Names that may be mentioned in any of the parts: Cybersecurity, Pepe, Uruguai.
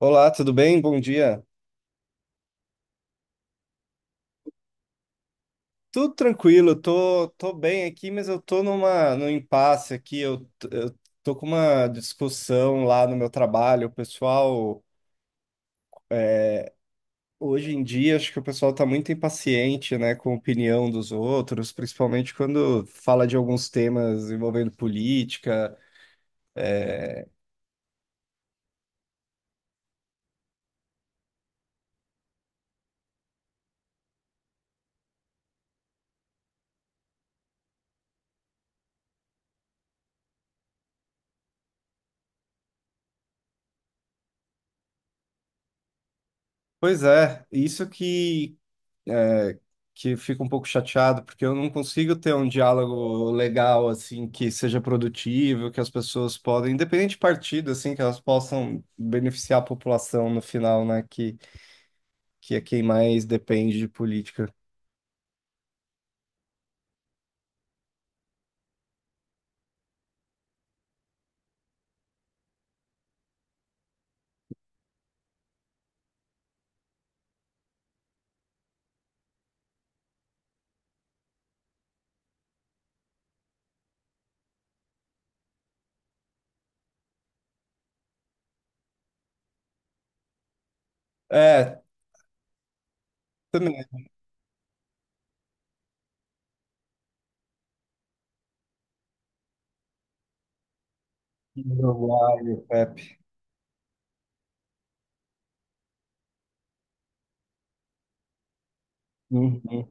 Olá, tudo bem? Bom dia. Tudo tranquilo, tô bem aqui, mas eu tô num impasse aqui. Eu tô com uma discussão lá no meu trabalho. O pessoal, hoje em dia, acho que o pessoal tá muito impaciente, né, com a opinião dos outros, principalmente quando fala de alguns temas envolvendo política. Pois é, que fica um pouco chateado, porque eu não consigo ter um diálogo legal, assim, que seja produtivo, que as pessoas podem, independente de partido, assim, que elas possam beneficiar a população no final, né, que é quem mais depende de política. É, também. Uruguai, o Pepe. Uhum.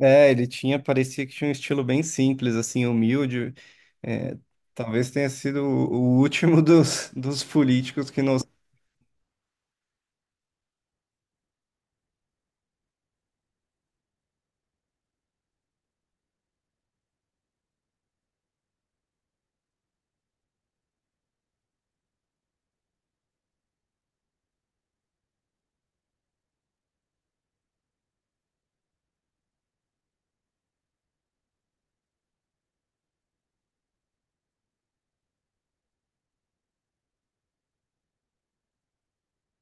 É, ele tinha, parecia que tinha um estilo bem simples, assim, humilde. É, talvez tenha sido o último dos políticos que não.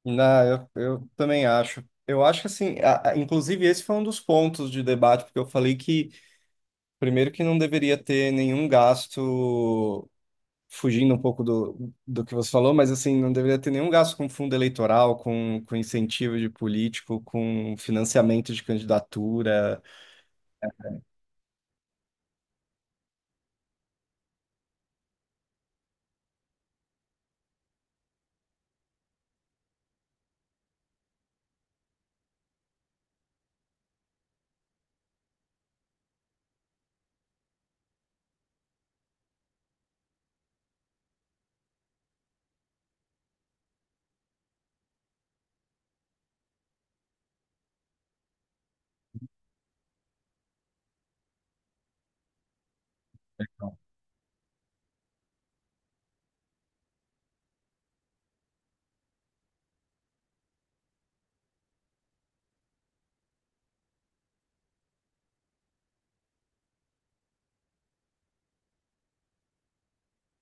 Não, eu também acho. Eu acho que assim, inclusive esse foi um dos pontos de debate, porque eu falei que, primeiro, que não deveria ter nenhum gasto, fugindo um pouco do que você falou, mas assim, não deveria ter nenhum gasto com fundo eleitoral, com incentivo de político, com financiamento de candidatura.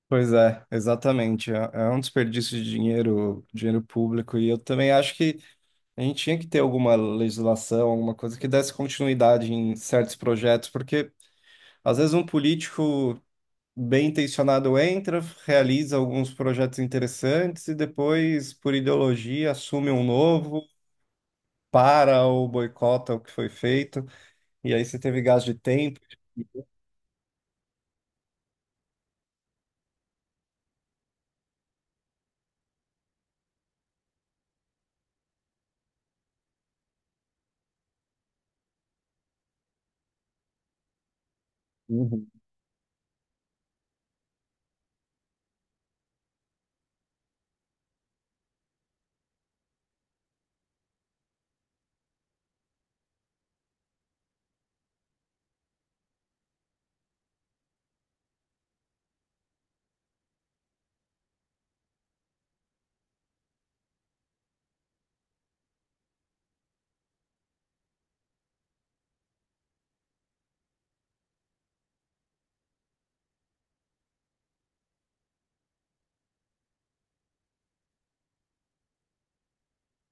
Pois é, exatamente. É, é um desperdício de dinheiro, dinheiro público, e eu também acho que a gente tinha que ter alguma legislação, alguma coisa que desse continuidade em certos projetos, porque às vezes um político bem intencionado entra, realiza alguns projetos interessantes e depois, por ideologia, assume um novo, para ou boicota o que foi feito. E aí você teve gasto de tempo. Uhum.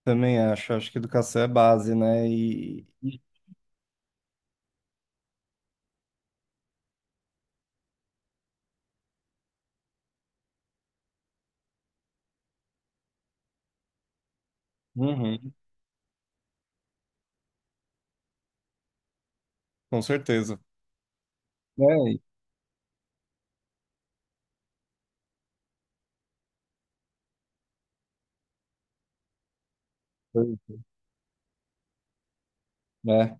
Também acho, acho que educação é base, né? E uhum, com certeza. É, e- é,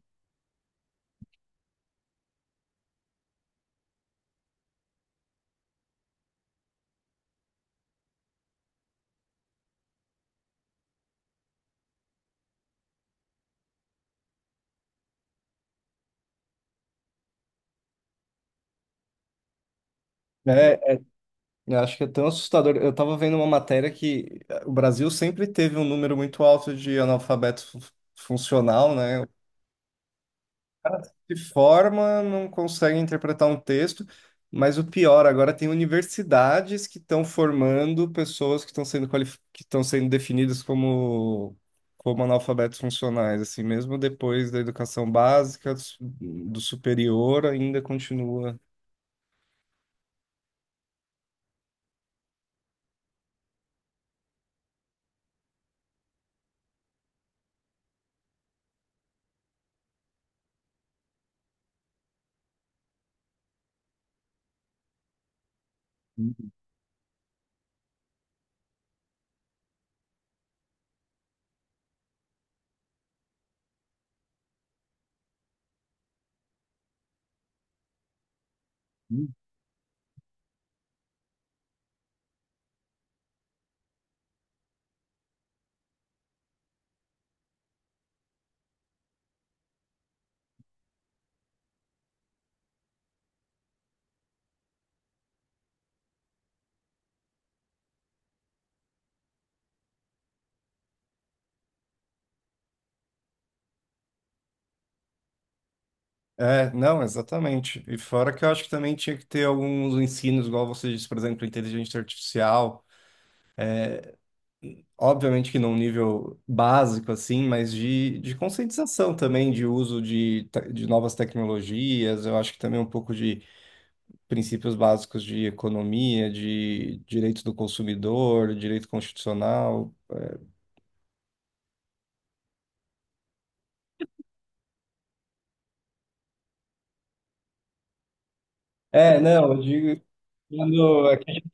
é, é, eu acho que é tão assustador. Eu estava vendo uma matéria que o Brasil sempre teve um número muito alto de funcional, né? Cara se forma, não consegue interpretar um texto, mas o pior, agora tem universidades que estão formando pessoas que estão que estão sendo definidas como analfabetos funcionais, assim, mesmo depois da educação básica, do superior, ainda continua. É, não, exatamente. E fora que eu acho que também tinha que ter alguns ensinos, igual você disse, por exemplo, inteligência artificial, obviamente que num nível básico, assim, mas de conscientização também, de de novas tecnologias, eu acho que também um pouco de princípios básicos de economia, de direito do consumidor, direito constitucional. É, não, eu digo, quando é que a gente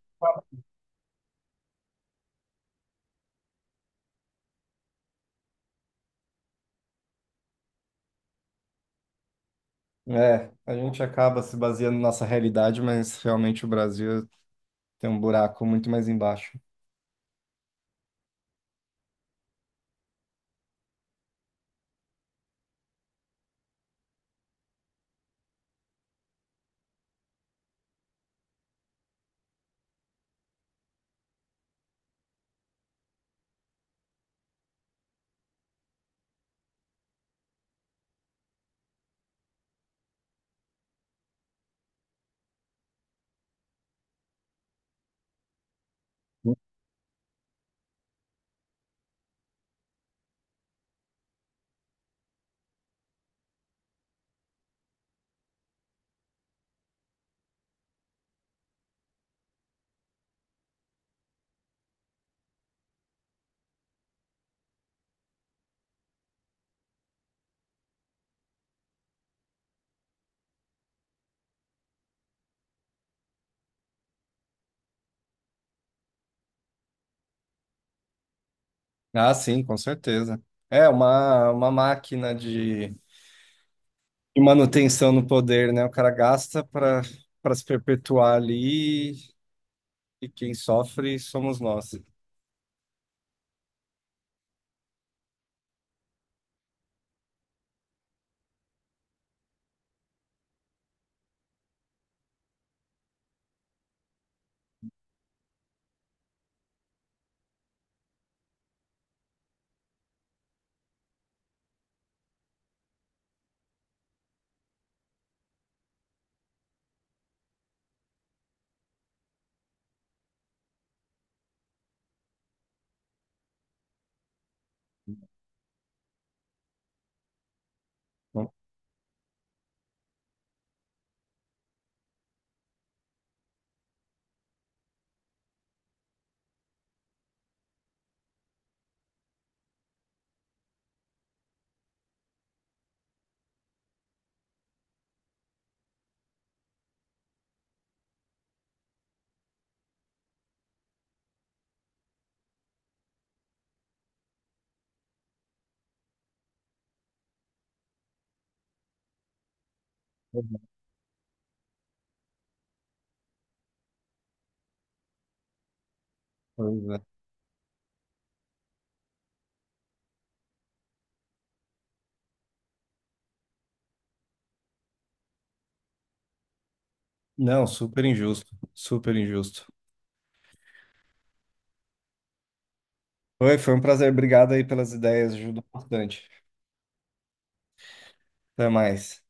é, a gente acaba se baseando na nossa realidade, mas realmente o Brasil tem um buraco muito mais embaixo. Ah, sim, com certeza. É uma máquina de manutenção no poder, né? O cara gasta para se perpetuar ali e quem sofre somos nós. Não, pois é. Não, super injusto, super injusto. Oi, foi um prazer, obrigado aí pelas ideias, ajudou bastante. Até mais.